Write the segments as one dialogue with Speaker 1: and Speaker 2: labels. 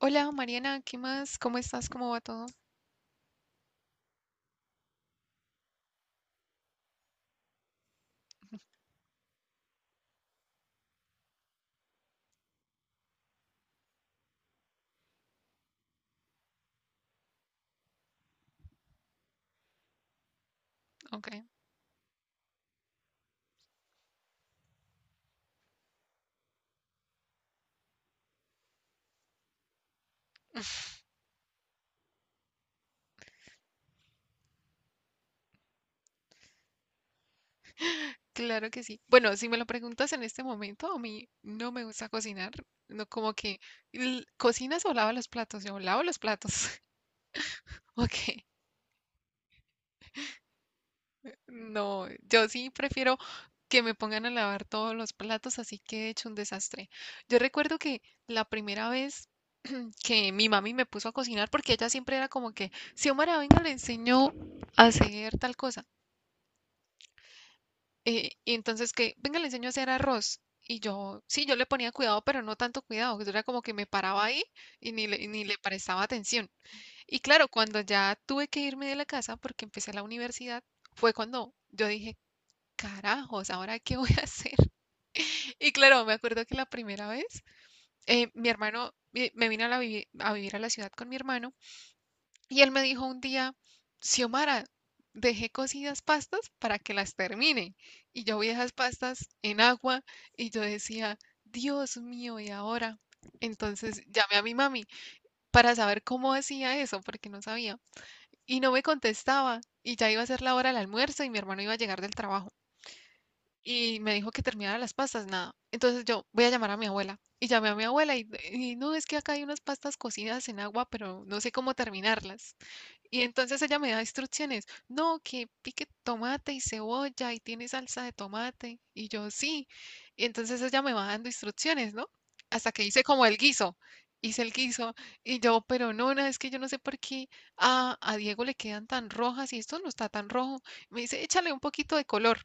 Speaker 1: Hola Mariana, ¿qué más? ¿Cómo estás? ¿Cómo va todo? Ok, claro que sí. Bueno, si me lo preguntas en este momento, a mí no me gusta cocinar. No, como que ¿cocinas o lavas los platos? Yo lavo los platos. Ok, no, yo sí prefiero que me pongan a lavar todos los platos, así que he hecho un desastre. Yo recuerdo que la primera vez que mi mami me puso a cocinar, porque ella siempre era como que, Xiomara, venga, le enseño a hacer tal cosa. Y entonces que, venga, le enseño a hacer arroz. Y yo, sí, yo le ponía cuidado, pero no tanto cuidado, que yo era como que me paraba ahí y ni le prestaba atención. Y claro, cuando ya tuve que irme de la casa porque empecé la universidad, fue cuando yo dije, carajos, ¿ahora qué voy a hacer? Y claro, me acuerdo que la primera vez, mi hermano, me vine a, a vivir a la ciudad con mi hermano y él me dijo un día, Xiomara, dejé cocidas pastas para que las termine. Y yo vi esas pastas en agua y yo decía, Dios mío, ¿y ahora? Entonces llamé a mi mami para saber cómo hacía eso, porque no sabía. Y no me contestaba. Y ya iba a ser la hora del almuerzo y mi hermano iba a llegar del trabajo. Y me dijo que terminara las pastas, nada. Entonces yo voy a llamar a mi abuela. Y llamé a mi abuela y no, es que acá hay unas pastas cocidas en agua, pero no sé cómo terminarlas. Y entonces ella me da instrucciones, no, que pique tomate y cebolla y tiene salsa de tomate. Y yo sí. Y entonces ella me va dando instrucciones, ¿no? Hasta que hice como el guiso. Hice el guiso y yo, pero no, no, es que yo no sé por qué a Diego le quedan tan rojas y esto no está tan rojo. Me dice, échale un poquito de color.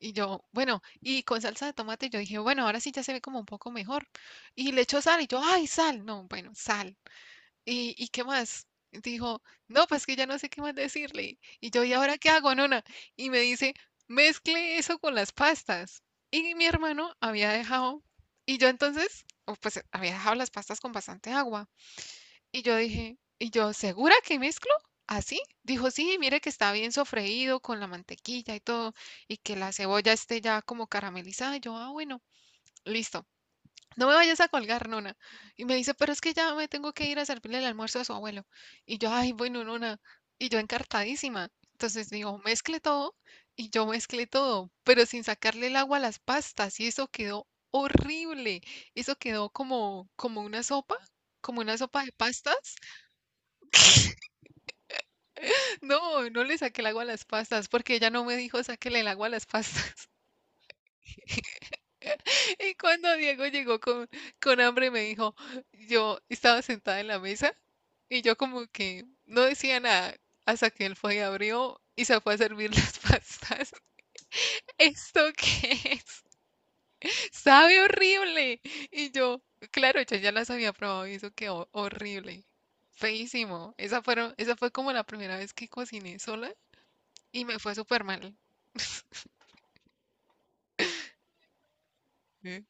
Speaker 1: Y yo, bueno, y con salsa de tomate, yo dije, bueno, ahora sí ya se ve como un poco mejor. Y le echo sal y yo, ay, sal. No, bueno, sal. Y qué más? Dijo, no, pues que ya no sé qué más decirle. Y yo, ¿y ahora qué hago, nona? Y me dice, mezcle eso con las pastas. Y mi hermano había dejado, y yo entonces, o pues había dejado las pastas con bastante agua. Y yo dije, ¿y yo segura que mezclo? ¿Así? Dijo, sí, mire que está bien sofreído con la mantequilla y todo, y que la cebolla esté ya como caramelizada. Y yo, ah, bueno, listo. No me vayas a colgar, nona. Y me dice, pero es que ya me tengo que ir a servirle el almuerzo a su abuelo. Y yo, ay, bueno, nona. Y yo encartadísima. Entonces digo, mezcle todo. Y yo mezclé todo, pero sin sacarle el agua a las pastas. Y eso quedó horrible. Eso quedó como, como una sopa de pastas. No, no le saqué el agua a las pastas porque ella no me dijo, sáquele el agua a las pastas. Y cuando Diego llegó con hambre, me dijo, yo estaba sentada en la mesa y yo como que no decía nada hasta que él fue y abrió y se fue a servir las pastas. ¿Esto qué es? Sabe horrible. Y yo, claro, yo ya las había probado y eso quedó horrible. Feísimo. Esa fueron, esa fue como la primera vez que cociné sola y me fue súper mal. ¿Eh?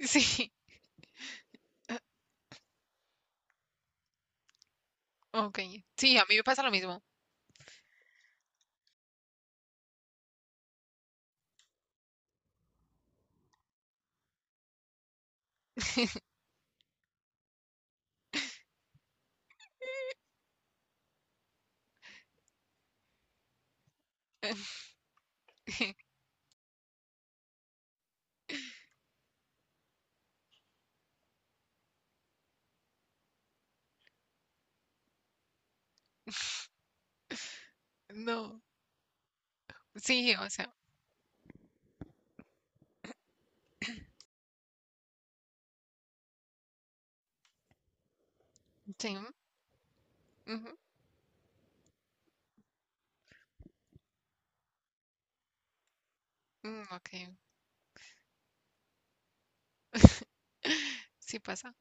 Speaker 1: Sí, ok. Sí, a mí me pasa lo mismo. No, sí, o sea. Sí, ujú, mm, ok, sí pasa.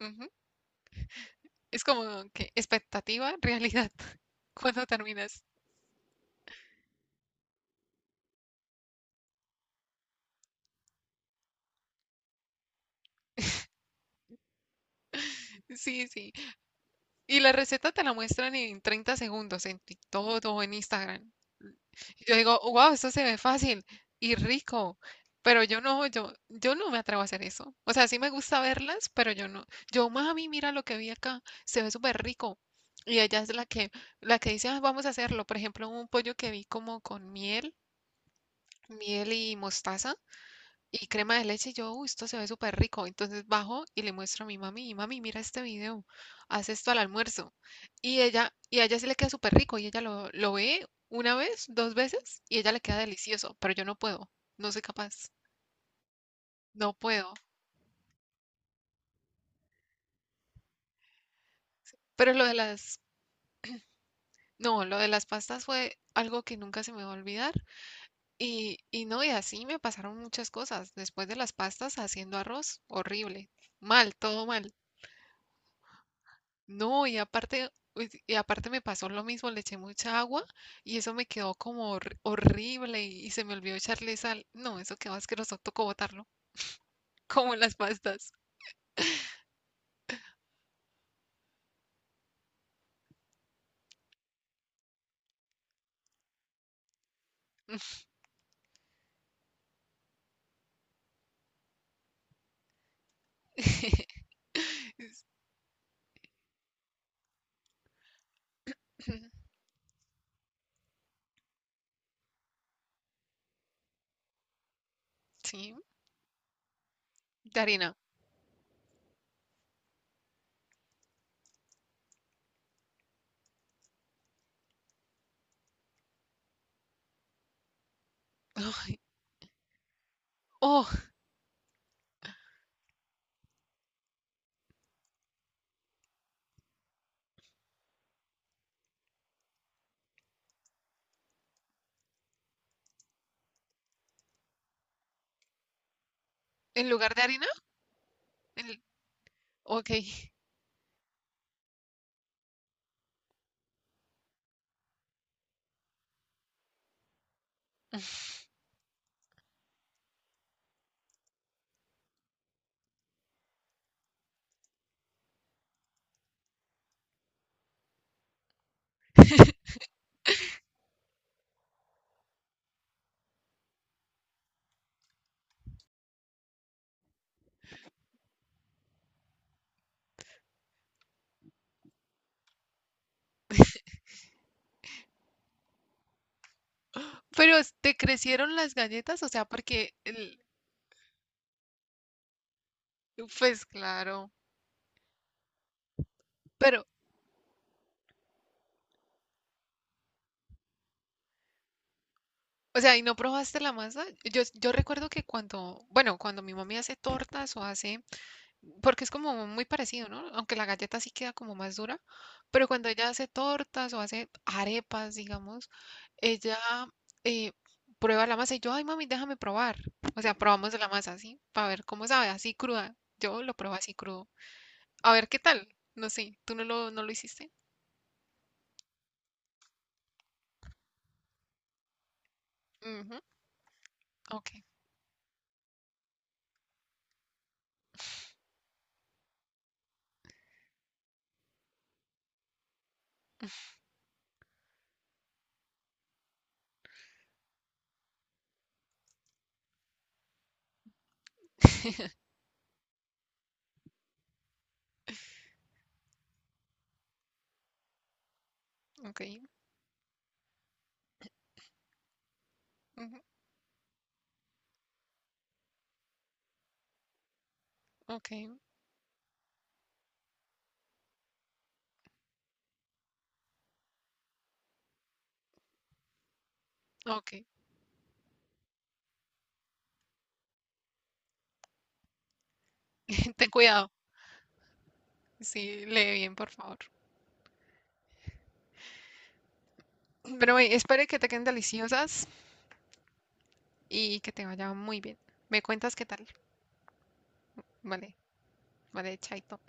Speaker 1: Ujú. Es como que expectativa, realidad, cuando terminas. Sí, sí. Y la receta te la muestran en 30 segundos en TikTok o en Instagram. Y Yo digo, wow, esto se ve fácil y rico, pero yo no, yo no me atrevo a hacer eso. O sea, sí me gusta verlas, pero yo no. Yo, mami, mira lo que vi acá, se ve súper rico. Y ella es la que dice, "Ah, vamos a hacerlo". Por ejemplo, un pollo que vi como con miel miel y mostaza y crema de leche. Y yo, uy, esto se ve súper rico. Entonces bajo y le muestro a mi mami, mami, mira este video, haz esto al almuerzo. Y ella, y a ella sí le queda súper rico y ella lo ve una vez, dos veces y ella le queda delicioso, pero yo no puedo, no soy capaz, no puedo. Pero lo de las, no, lo de las pastas fue algo que nunca se me va a olvidar. Y no, y así me pasaron muchas cosas. Después de las pastas haciendo arroz, horrible. Mal, todo mal. No, y aparte, uy, y aparte me pasó lo mismo, le eché mucha agua y eso me quedó como horrible y se me olvidó echarle sal. No, eso quedó asqueroso, tocó botarlo, como las pastas. Sí, de harina. Ay, oh, en lugar de harina, el- ok. Pero te crecieron las galletas, o sea, porque, pues claro, pero, o sea, ¿y no probaste la masa? Yo recuerdo que cuando, bueno, cuando mi mami hace tortas o hace… Porque es como muy parecido, ¿no? Aunque la galleta sí queda como más dura, pero cuando ella hace tortas o hace arepas, digamos, ella eh, prueba la masa y yo, ay mami, déjame probar. O sea, probamos la masa así, para ver cómo sabe, así cruda. Yo lo probé así crudo. A ver qué tal. No sé, ¿tú no no lo hiciste? Ujú, ok, ok, ujú, ok, ok. Ten cuidado. Sí, lee bien, por favor. Pero bueno, espero que te queden deliciosas y que te vaya muy bien. ¿Me cuentas qué tal? Vale, vale, chaito.